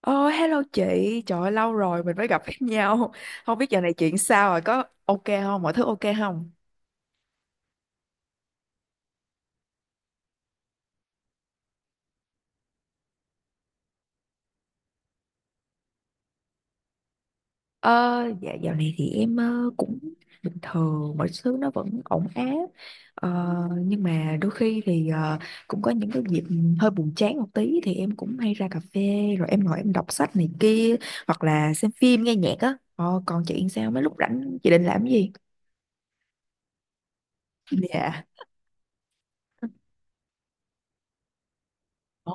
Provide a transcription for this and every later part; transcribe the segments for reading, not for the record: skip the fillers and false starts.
Ôi, hello chị, trời ơi, lâu rồi mình mới gặp nhau. Không biết giờ này chuyện sao rồi, có ok không, mọi thứ ok không? Ờ, dạ dạo này thì em cũng bình thường, mọi thứ nó vẫn ổn áp. Ờ, nhưng mà đôi khi thì cũng có những cái dịp hơi buồn chán một tí thì em cũng hay ra cà phê, rồi em ngồi em đọc sách này kia hoặc là xem phim nghe nhạc á. Ờ, còn chị sao, mấy lúc rảnh chị định làm cái gì? Dạ. Ồ.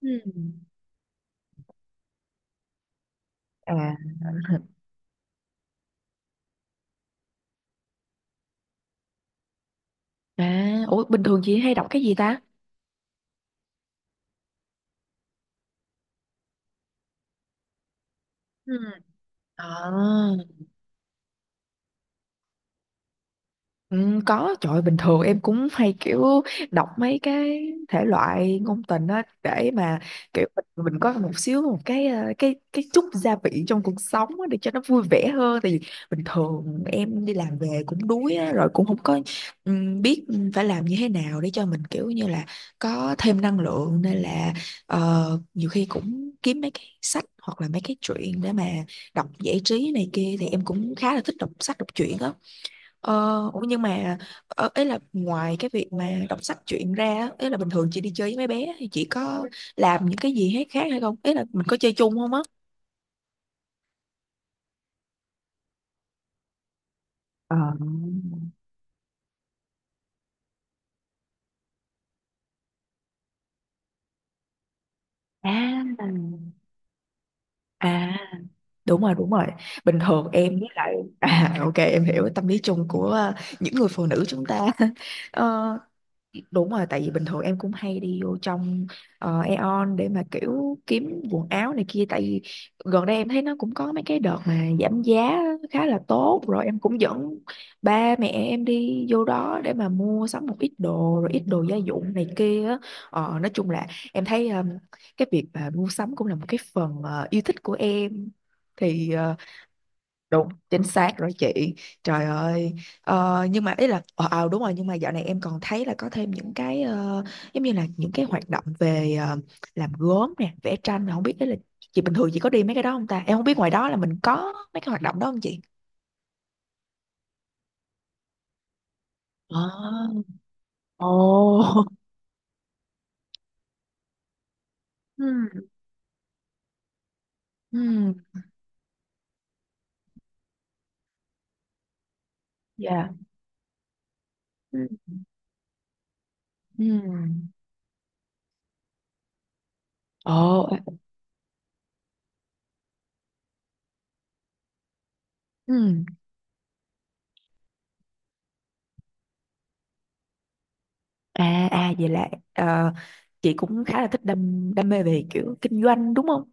Ừ. À. À, ủa bình thường chị hay đọc cái gì ta? Ừ. À. Ừ, có, trời ơi, bình thường em cũng hay kiểu đọc mấy cái thể loại ngôn tình á, để mà kiểu mình có một xíu, một cái chút gia vị trong cuộc sống á, để cho nó vui vẻ hơn. Tại vì bình thường em đi làm về cũng đuối á, rồi cũng không có biết phải làm như thế nào để cho mình kiểu như là có thêm năng lượng. Nên là nhiều khi cũng kiếm mấy cái sách hoặc là mấy cái truyện để mà đọc giải trí này kia, thì em cũng khá là thích đọc sách đọc truyện á. Ờ, ủa, nhưng mà ấy là ngoài cái việc mà đọc sách truyện ra á, ấy là bình thường chị đi chơi với mấy bé thì chị có làm những cái gì hết khác hay không? Ấy là mình có chơi chung không á? Ờ. À, à, đúng rồi, đúng rồi, bình thường em với lại, à, ok em hiểu tâm lý chung của những người phụ nữ chúng ta. Ờ, đúng rồi, tại vì bình thường em cũng hay đi vô trong Aeon để mà kiểu kiếm quần áo này kia, tại vì gần đây em thấy nó cũng có mấy cái đợt mà giảm giá khá là tốt, rồi em cũng dẫn ba mẹ em đi vô đó để mà mua sắm một ít đồ rồi ít đồ gia dụng này kia á. Ờ, nói chung là em thấy cái việc mà mua sắm cũng là một cái phần yêu thích của em thì ờ, Đúng, chính xác rồi chị. Trời ơi. Ờ, nhưng mà ý là đúng rồi, nhưng mà dạo này em còn thấy là có thêm những cái giống như là những cái hoạt động về làm gốm nè, vẽ tranh, mà không biết đấy là, chị bình thường chị có đi mấy cái đó không ta? Em không biết ngoài đó là mình có mấy cái hoạt động đó không chị? À, ồ. Ừ, ừ, dạ. Ừ, ừ. Ồ, à, ừ. À, vậy là chị cũng khá là thích đam đam mê về kiểu kinh doanh đúng không?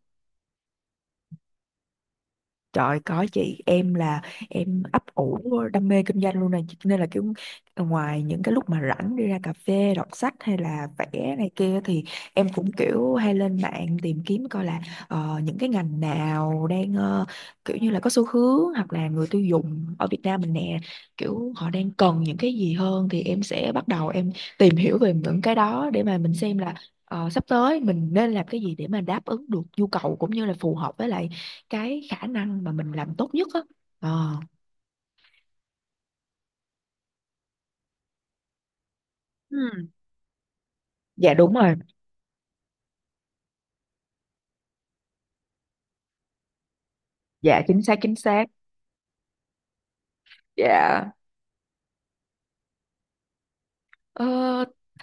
Trời có chị, em là em ấp ủ đam mê kinh doanh luôn này, cho nên là kiểu ngoài những cái lúc mà rảnh đi ra cà phê đọc sách hay là vẽ này kia thì em cũng kiểu hay lên mạng tìm kiếm coi là những cái ngành nào đang kiểu như là có xu hướng, hoặc là người tiêu dùng ở Việt Nam mình nè kiểu họ đang cần những cái gì hơn, thì em sẽ bắt đầu em tìm hiểu về những cái đó để mà mình xem là sắp tới mình nên làm cái gì để mà đáp ứng được nhu cầu cũng như là phù hợp với lại cái khả năng mà mình làm tốt nhất á. Ờ. Ừ. Dạ, đúng rồi. Dạ, chính xác, chính xác. Dạ. Ờ,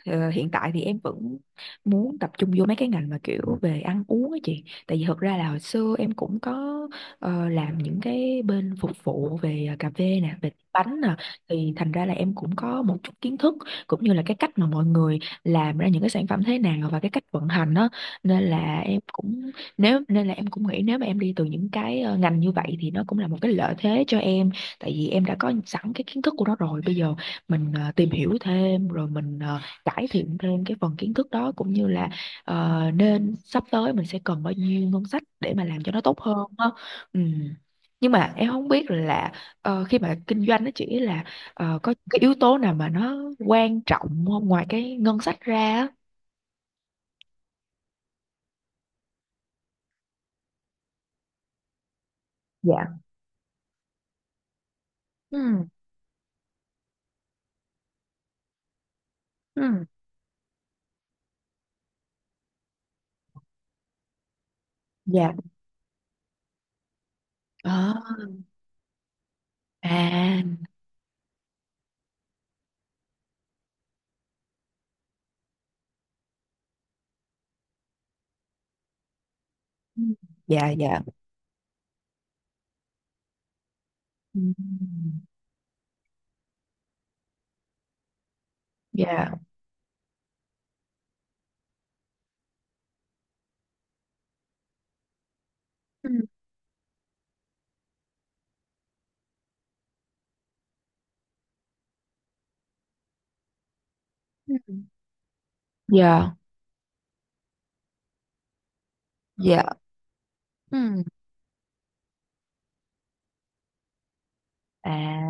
Hiện tại thì em vẫn muốn tập trung vô mấy cái ngành mà kiểu về ăn uống á chị, tại vì thật ra là hồi xưa em cũng có làm những cái bên phục vụ về cà phê nè, về bánh nè, thì thành ra là em cũng có một chút kiến thức, cũng như là cái cách mà mọi người làm ra những cái sản phẩm thế nào và cái cách vận hành đó, nên là em cũng nghĩ nếu mà em đi từ những cái ngành như vậy thì nó cũng là một cái lợi thế cho em, tại vì em đã có sẵn cái kiến thức của nó rồi. Bây giờ mình tìm hiểu thêm, rồi mình cải thiện thêm cái phần kiến thức đó, cũng như là nên sắp tới mình sẽ cần bao nhiêu ngân sách để mà làm cho nó tốt hơn đó. Ừ. Nhưng mà em không biết là khi mà kinh doanh nó chỉ là có cái yếu tố nào mà nó quan trọng không ngoài cái ngân sách ra á? Dạ. Ừ. Ừ. Dạ. Ờ, à. Ừ. Dạ dạ. Ừ. Dạ. Ừ. Ừ. Dạ. Dạ. Ừ. À,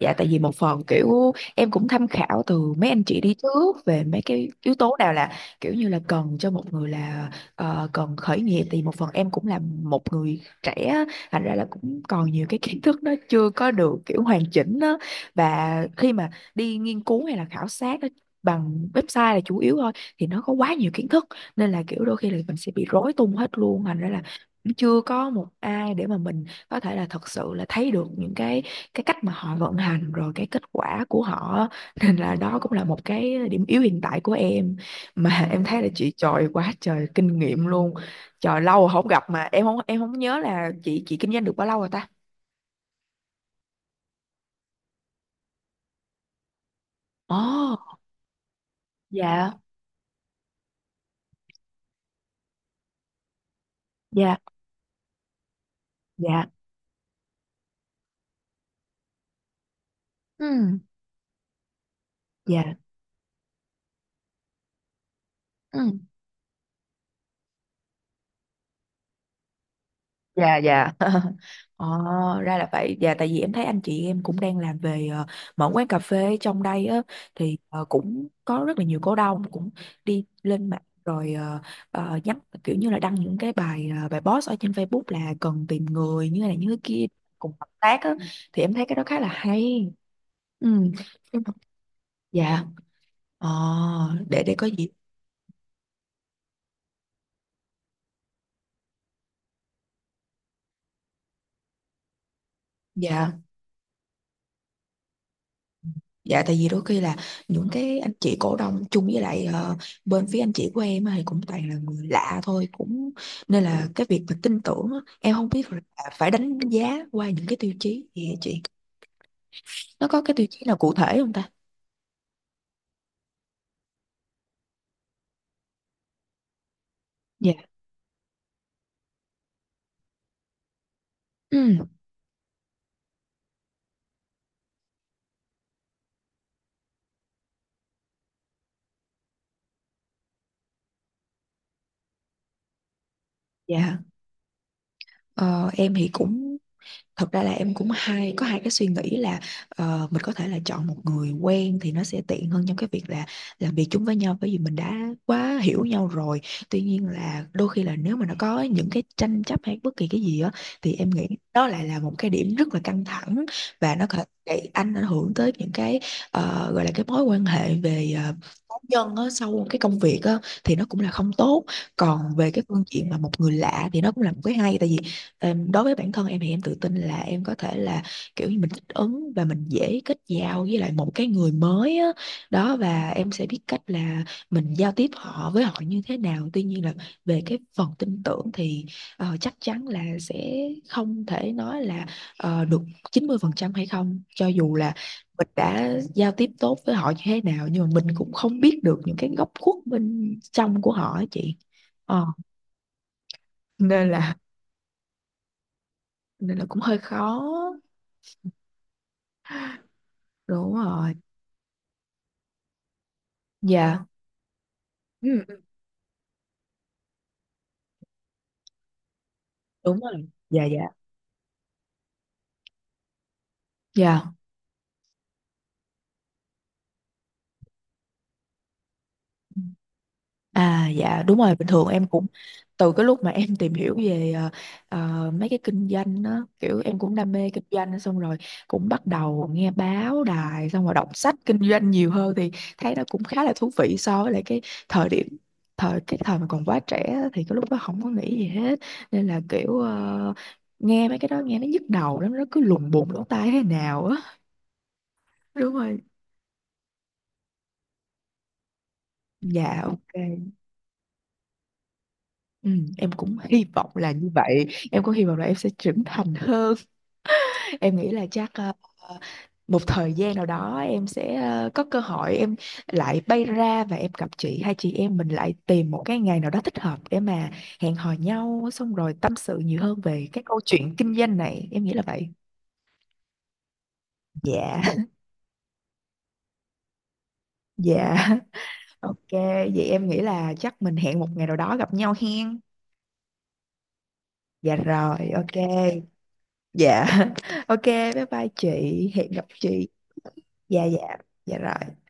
dạ, tại vì một phần kiểu em cũng tham khảo từ mấy anh chị đi trước về mấy cái yếu tố nào là kiểu như là cần cho một người là cần khởi nghiệp, thì một phần em cũng là một người trẻ á, thành ra là cũng còn nhiều cái kiến thức nó chưa có được kiểu hoàn chỉnh đó. Và khi mà đi nghiên cứu hay là khảo sát á, bằng website là chủ yếu thôi, thì nó có quá nhiều kiến thức, nên là kiểu đôi khi là mình sẽ bị rối tung hết luôn, thành ra là cũng chưa có một ai để mà mình có thể là thật sự là thấy được những cái cách mà họ vận hành rồi cái kết quả của họ, nên là đó cũng là một cái điểm yếu hiện tại của em mà. Em thấy là chị trời quá trời kinh nghiệm luôn, trời lâu rồi không gặp mà em không nhớ là chị kinh doanh được bao lâu rồi ta? Ồ. Dạ dạ dạ, ừ, dạ, ừ. Dạ dạ. ờ, ra là vậy, dạ, tại vì em thấy anh chị em cũng đang làm về mở quán cà phê trong đây á, thì cũng có rất là nhiều cổ đông cũng đi lên mạng rồi nhắn kiểu như là đăng những cái bài post ở trên Facebook là cần tìm người như thế này như thế kia cùng hợp tác á, thì em thấy cái đó khá là hay. Ừ. Dạ, ờ, để có gì. Dạ. Dạ, tại vì đôi khi là những cái anh chị cổ đông chung với lại bên phía anh chị của em á thì cũng toàn là người lạ thôi, cũng nên là cái việc mà tin tưởng á, em không biết là phải đánh giá qua những cái tiêu chí gì hả chị, nó có cái tiêu chí nào cụ thể không ta? Dạ. Ừ, dạ. Ờ, em thì cũng, thật ra là em cũng hay có hai cái suy nghĩ là mình có thể là chọn một người quen thì nó sẽ tiện hơn trong cái việc là làm việc chung với nhau bởi vì mình đã quá hiểu nhau rồi. Tuy nhiên là đôi khi là nếu mà nó có những cái tranh chấp hay bất kỳ cái gì á thì em nghĩ đó lại là một cái điểm rất là căng thẳng và nó có để ảnh hưởng tới những cái gọi là cái mối quan hệ về cá nhân á, sau cái công việc á, thì nó cũng là không tốt. Còn về cái phương diện mà một người lạ thì nó cũng là một cái hay, tại vì đối với bản thân em thì em tự tin là em có thể là kiểu như mình thích ứng và mình dễ kết giao với lại một cái người mới á. Đó, và em sẽ biết cách là mình giao tiếp họ với họ như thế nào. Tuy nhiên là về cái phần tin tưởng thì chắc chắn là sẽ không thể nói là được 90% hay không, cho dù là mình đã giao tiếp tốt với họ như thế nào nhưng mà mình cũng không biết được những cái góc khuất bên trong của họ á chị. Ờ, nên là nên là cũng hơi khó, đúng rồi. Ờ. Dạ. Ừ. Ừ. Đúng rồi. Dạ dạ dạ, à, dạ, đúng rồi, bình thường em cũng từ cái lúc mà em tìm hiểu về mấy cái kinh doanh đó, kiểu em cũng đam mê kinh doanh xong rồi cũng bắt đầu nghe báo đài xong rồi đọc sách kinh doanh nhiều hơn, thì thấy nó cũng khá là thú vị so với lại cái thời điểm thời cái thời mà còn quá trẻ á, thì cái lúc đó không có nghĩ gì hết, nên là kiểu nghe mấy cái đó nghe nó nhức đầu lắm, nó cứ lùng bùng lỗ tai thế nào á. Đúng rồi. Dạ, ok. Ừ, em cũng hy vọng là như vậy. Em cũng hy vọng là em sẽ trưởng thành hơn. Em nghĩ là chắc một thời gian nào đó em sẽ có cơ hội, em lại bay ra và em gặp chị, hai chị em mình lại tìm một cái ngày nào đó thích hợp để mà hẹn hò nhau xong rồi tâm sự nhiều hơn về cái câu chuyện kinh doanh này, em nghĩ là vậy. Dạ dạ. Ok, vậy em nghĩ là chắc mình hẹn một ngày nào đó gặp nhau hen. Dạ rồi, ok. Dạ. Ok, bye bye chị. Hẹn gặp chị. Dạ dạ. Dạ rồi.